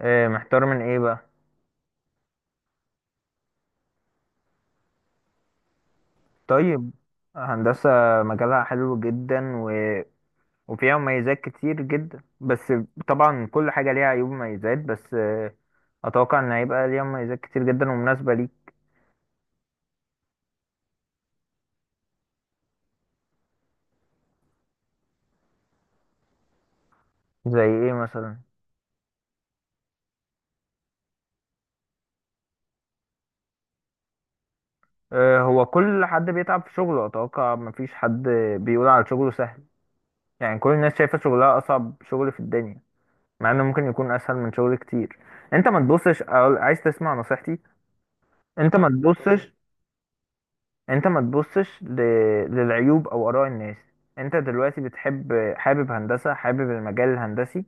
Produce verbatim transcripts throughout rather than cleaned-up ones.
إيه محتار من ايه بقى؟ طيب، هندسة مجالها حلو جدا و... وفيها مميزات كتير جدا. بس طبعا كل حاجة ليها عيوب ومميزات، بس آه، اتوقع ان هيبقى ليها مميزات كتير جدا ومناسبة ليك. زي ايه مثلا؟ آه، هو كل حد بيتعب في شغله، اتوقع مفيش حد بيقول على شغله سهل. يعني كل الناس شايفة شغلها اصعب شغل في الدنيا، مع انه ممكن يكون اسهل من شغل كتير. انت ما تبصش، أقول- عايز تسمع نصيحتي؟ انت ما تبصش، يعني انت ما تبصش ل... للعيوب او اراء الناس. انت دلوقتي بتحب، حابب هندسة، حابب المجال الهندسي،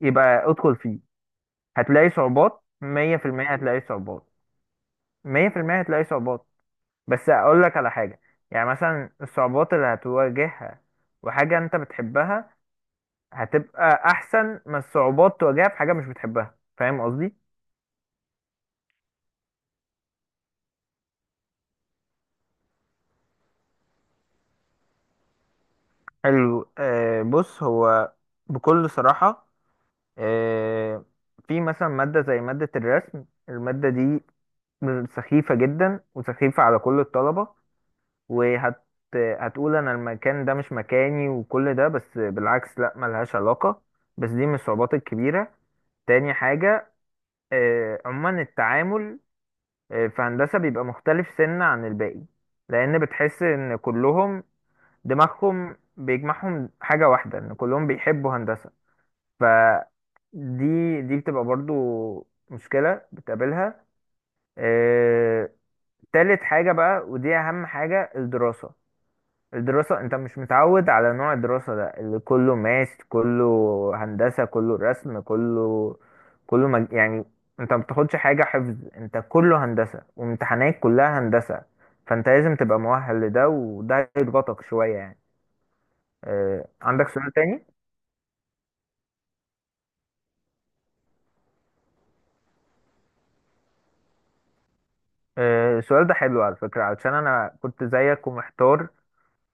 يبقى ادخل فيه. هتلاقي صعوبات، مية في المية هتلاقي صعوبات، مية في المية هتلاقي صعوبات. بس اقول لك على حاجة، يعني مثلا الصعوبات اللي هتواجهها وحاجة انت بتحبها هتبقى احسن من الصعوبات تواجهها في حاجة مش بتحبها. فاهم قصدي؟ حلو. آه بص، هو بكل صراحة آه، في مثلا مادة زي مادة الرسم، المادة دي سخيفة جدا وسخيفة على كل الطلبة. وهت هتقول أنا المكان ده مش مكاني وكل ده، بس بالعكس لأ، ملهاش علاقة. بس دي من الصعوبات الكبيرة. تاني حاجة آه، عموما التعامل آه، في هندسة بيبقى مختلف سنة عن الباقي، لأن بتحس إن كلهم دماغهم بيجمعهم حاجة واحدة، إن كلهم بيحبوا هندسة. ف دي دي بتبقى برضو مشكلة بتقابلها. آه، تالت حاجة بقى، ودي أهم حاجة، الدراسة. الدراسة أنت مش متعود على نوع الدراسة ده، اللي كله ماس، كله هندسة، كله رسم، كله كله مج... يعني أنت ما بتاخدش حاجة حفظ، أنت كله هندسة وامتحانات كلها هندسة. فأنت لازم تبقى مؤهل لده، وده يضغطك شوية يعني. آه، عندك سؤال تاني؟ آه، السؤال ده حلو على فكرة، علشان أنا كنت زيك ومحتار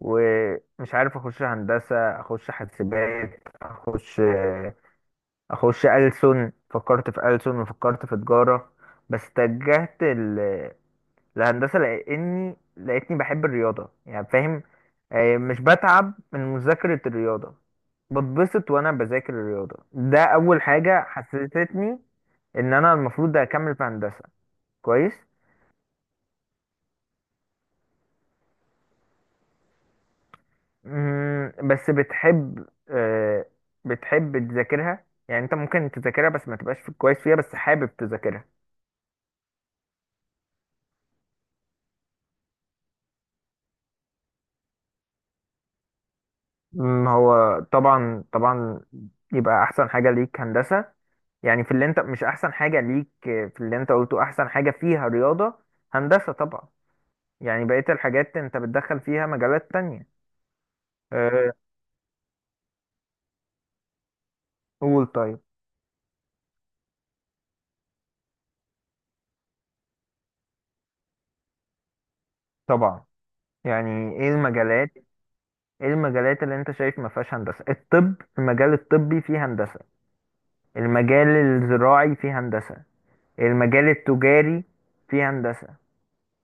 ومش عارف اخش هندسه، اخش حاسبات، اخش اخش ألسن. فكرت في ألسن وفكرت في تجاره، بس اتجهت ال- للهندسه، لاني لقيتني بحب الرياضه يعني، فاهم؟ آه، مش بتعب من مذاكره الرياضه، بتبسط وانا بذاكر الرياضه. ده اول حاجه حسستني ان انا المفروض اكمل في هندسه. كويس. مم، بس بتحب، آه، بتحب تذاكرها يعني، انت ممكن تذاكرها بس ما تبقاش في- كويس فيها، بس حابب تذاكرها. مم، هو طبعا طبعا يبقى احسن حاجة ليك هندسة. يعني في اللي انت مش احسن حاجة ليك، آه، في اللي انت قلته احسن حاجة فيها رياضة، هندسة طبعا. يعني بقية الحاجات انت بتدخل فيها مجالات تانية. آه، قول. طيب، طبعا. يعني ايه المجالات؟ ايه المجالات اللي انت شايف ما فيهاش هندسة؟ الطب، المجال الطبي فيه هندسة، المجال الزراعي فيه هندسة، المجال التجاري فيه هندسة.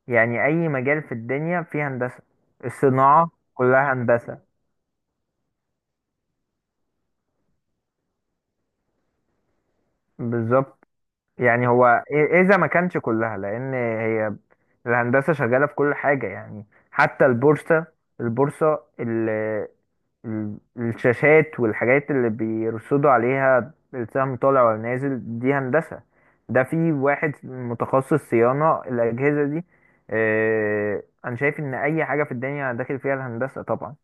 يعني أي مجال في الدنيا فيه هندسة، الصناعة كلها هندسة. بالظبط. يعني هو إ- إذا ما كانش كلها، لأن هي الهندسة شغالة في كل حاجة يعني. حتى البورصة، البورصة، ال- الشاشات والحاجات اللي بيرصدوا عليها السهم طالع ولا نازل، دي هندسة، ده في واحد متخصص صيانة الأجهزة دي. آه، أنا شايف إن أي حاجة في الدنيا داخل فيها الهندسة طبعا.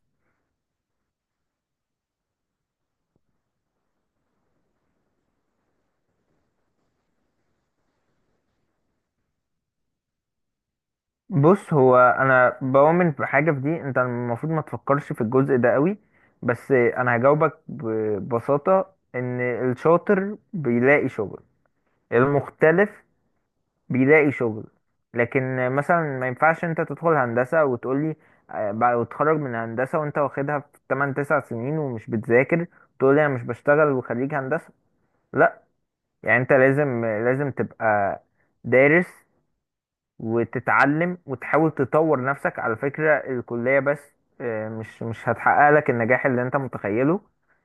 بص هو، أنا بؤمن بحاجة في دي، أنت المفروض ما تفكرش في الجزء ده قوي. بس أنا هجاوبك ببساطة، إن الشاطر بيلاقي شغل، المختلف بيلاقي شغل. لكن مثلا ما ينفعش انت تدخل هندسة وتقولي آه، بعد وتخرج من هندسة وانت واخدها في تمن تسع سنين ومش بتذاكر، تقولي انا مش بشتغل وخريج هندسة. لا، يعني انت لازم لازم تبقى دارس وتتعلم وتحاول تطور نفسك. على فكرة الكلية بس آه، مش مش هتحقق لك النجاح اللي انت متخيله.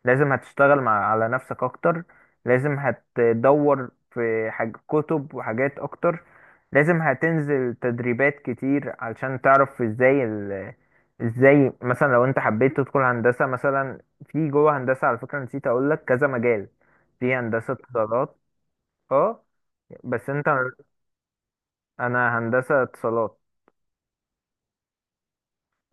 لازم هتشتغل مع على نفسك اكتر، لازم هتدور في حاج كتب وحاجات اكتر، لازم هتنزل تدريبات كتير علشان تعرف ازاي ال... ازاي مثلا لو انت حبيت تدخل هندسة مثلا. في جوه هندسة، على فكرة نسيت اقول لك، كذا مجال. في هندسة اتصالات. اه بس انت، انا هندسة اتصالات.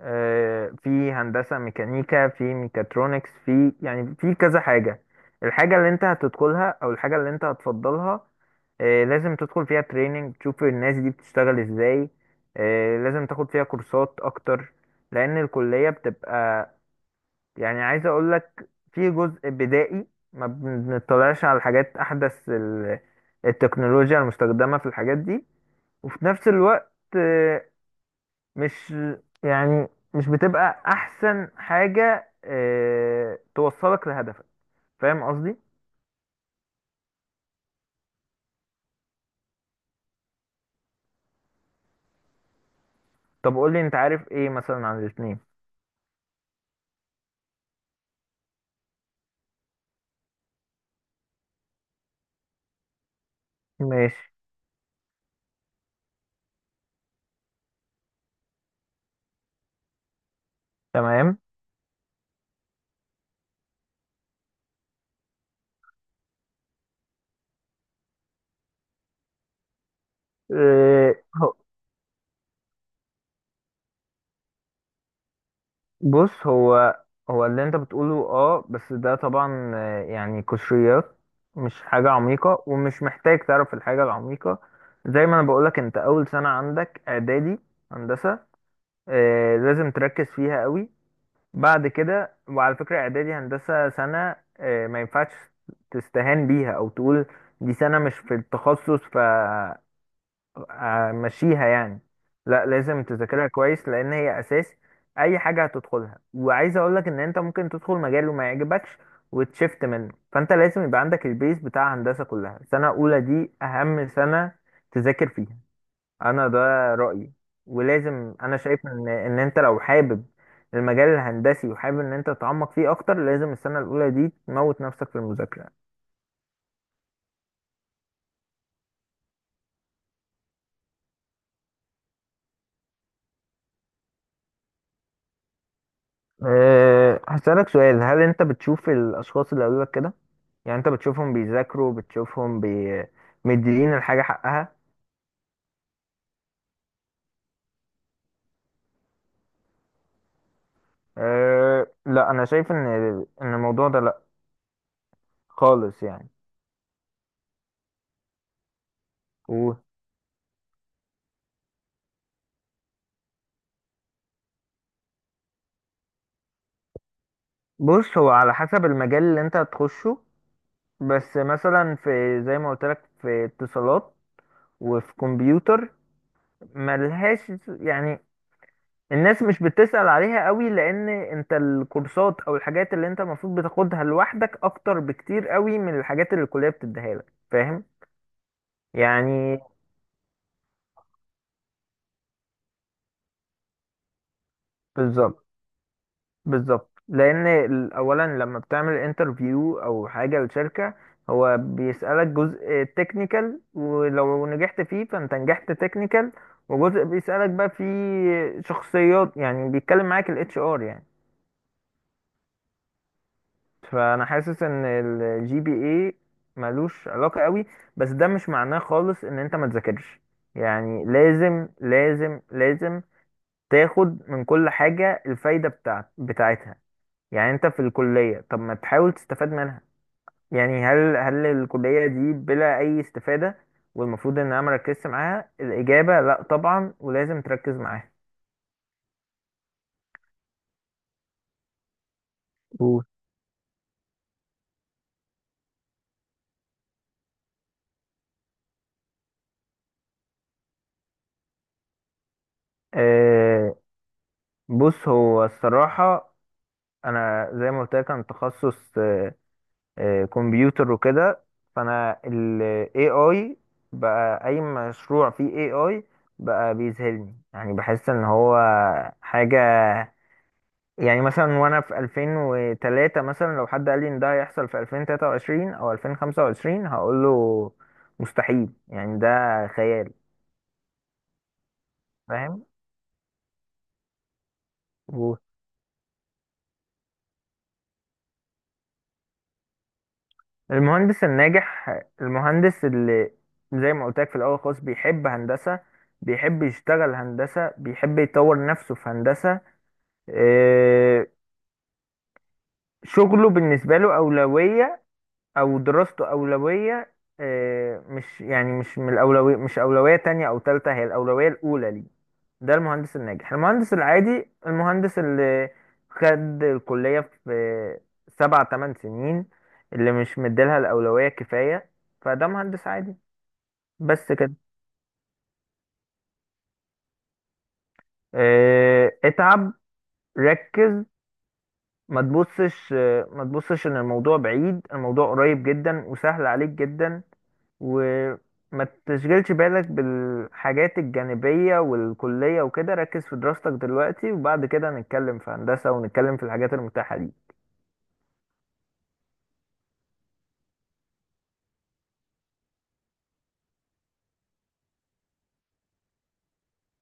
آه، في هندسة ميكانيكا، في ميكاترونكس، في يعني في كذا حاجة. الحاجة اللي انت هتدخلها او الحاجة اللي انت هتفضلها آه، لازم تدخل فيها تريننج، تشوف الناس دي بتشتغل ازاي. آه، لازم تاخد فيها كورسات اكتر، لان الكلية بتبقى يعني، عايز اقولك، في جزء بدائي ما بنطلعش على الحاجات احدث، ال- التكنولوجيا المستخدمة في الحاجات دي. وفي نفس الوقت آه، مش يعني، مش بتبقى احسن حاجة اه توصلك لهدفك. فاهم قصدي؟ طب قول لي انت عارف ايه مثلا عن الاتنين. ماشي. تمام. اه هو- بص هو، هو اللي انت بتقوله اه، بس ده طبعا آه، يعني قشريات، مش حاجة عميقة، ومش محتاج تعرف الحاجة العميقة. زي ما انا بقولك، انت اول سنة عندك اعدادي هندسة، اه لازم تركز فيها قوي. بعد كده، وعلى فكرة إعدادي هندسة سنة آه، ما ينفعش تستهان بيها أو تقول دي سنة مش في التخصص فمشيها يعني. لا، لازم تذاكرها كويس، لأن هي أساس أي حاجة هتدخلها. وعايز أقولك إن أنت ممكن تدخل مجال وما يعجبكش وتشفت منه، فأنت لازم يبقى عندك البيز بتاع هندسة كلها. سنة أولى دي أهم سنة، تذاكر فيها. انا ده رأيي. ولازم، انا شايف ان ان انت لو حابب المجال الهندسي وحابب ان انت تتعمق فيه اكتر، لازم السنة الاولى دي تموت نفسك في المذاكرة. أه هسألك سؤال، هل انت بتشوف الاشخاص اللي قبلك كده، يعني انت بتشوفهم بيذاكروا، بتشوفهم بي... مديين الحاجة حقها؟ أه لا، انا شايف ان ان الموضوع ده لا خالص يعني. و- بص هو على حسب المجال اللي انت هتخشه. بس مثلا في، زي ما قلت لك في اتصالات وفي كمبيوتر، ملهاش يعني، الناس مش بتسأل عليها قوي، لان انت الكورسات او الحاجات اللي انت المفروض بتاخدها لوحدك اكتر بكتير قوي من الحاجات اللي الكلية بتديها لك. فاهم يعني؟ بالظبط، بالظبط. لان ال- اولا لما بتعمل انترفيو او حاجة لشركة، هو بيسألك جزء تكنيكال، ولو نجحت فيه فانت نجحت تكنيكال. وجزء بيسألك بقى فيه شخصيات، يعني بيتكلم معاك الاتش ار يعني. فانا حاسس ان الجي بي اي ملوش علاقه قوي، بس ده مش معناه خالص ان انت ما تذاكرش. يعني لازم لازم لازم تاخد من كل حاجه الفايده بتاعت بتاعتها. يعني انت في الكليه، طب ما تحاول تستفاد منها. يعني هل هل الكليه دي بلا اي استفاده، والمفروض ان انا مركزش معاها؟ الاجابه لا طبعا، ولازم تركز معاها. قول. آه، بص هو الصراحة، أنا زي ما قلت لك أنا تخصص آه، كمبيوتر وكده. فانا ال إيه آي بقى، اي مشروع فيه A I بقى بيذهلني، يعني بحس ان هو حاجة يعني. مثلا وانا في ألفين وتلاتة، مثلا لو حد قال لي ان ده هيحصل في ألفين وتلاتة وعشرين او ألفين وخمسة وعشرين، هقول له مستحيل يعني، ده خيال. فاهم. والمهندس الناجح، المهندس اللي زي ما قلت لك في الاول خالص بيحب هندسة، بيحب يشتغل هندسة، بيحب يطور نفسه في هندسة. آه، شغله بالنسبة له أولوية، أو دراسته أولوية. آه، مش يعني مش من الأولوية، مش أولوية تانية أو تالتة، هي الأولوية الأولى ليه. ده المهندس الناجح. المهندس العادي، المهندس اللي خد الكلية في سبع تمن سنين، اللي مش مديلها الأولوية كفاية، فده مهندس عادي. بس كده. آه، اتعب، ركز، ما تبصش آه، ما تبصش ان الموضوع بعيد، الموضوع قريب جدا وسهل عليك جدا. وما تشغلش بالك بالحاجات الجانبية والكلية وكده، ركز في دراستك دلوقتي، وبعد كده نتكلم في هندسة ونتكلم في الحاجات المتاحة دي.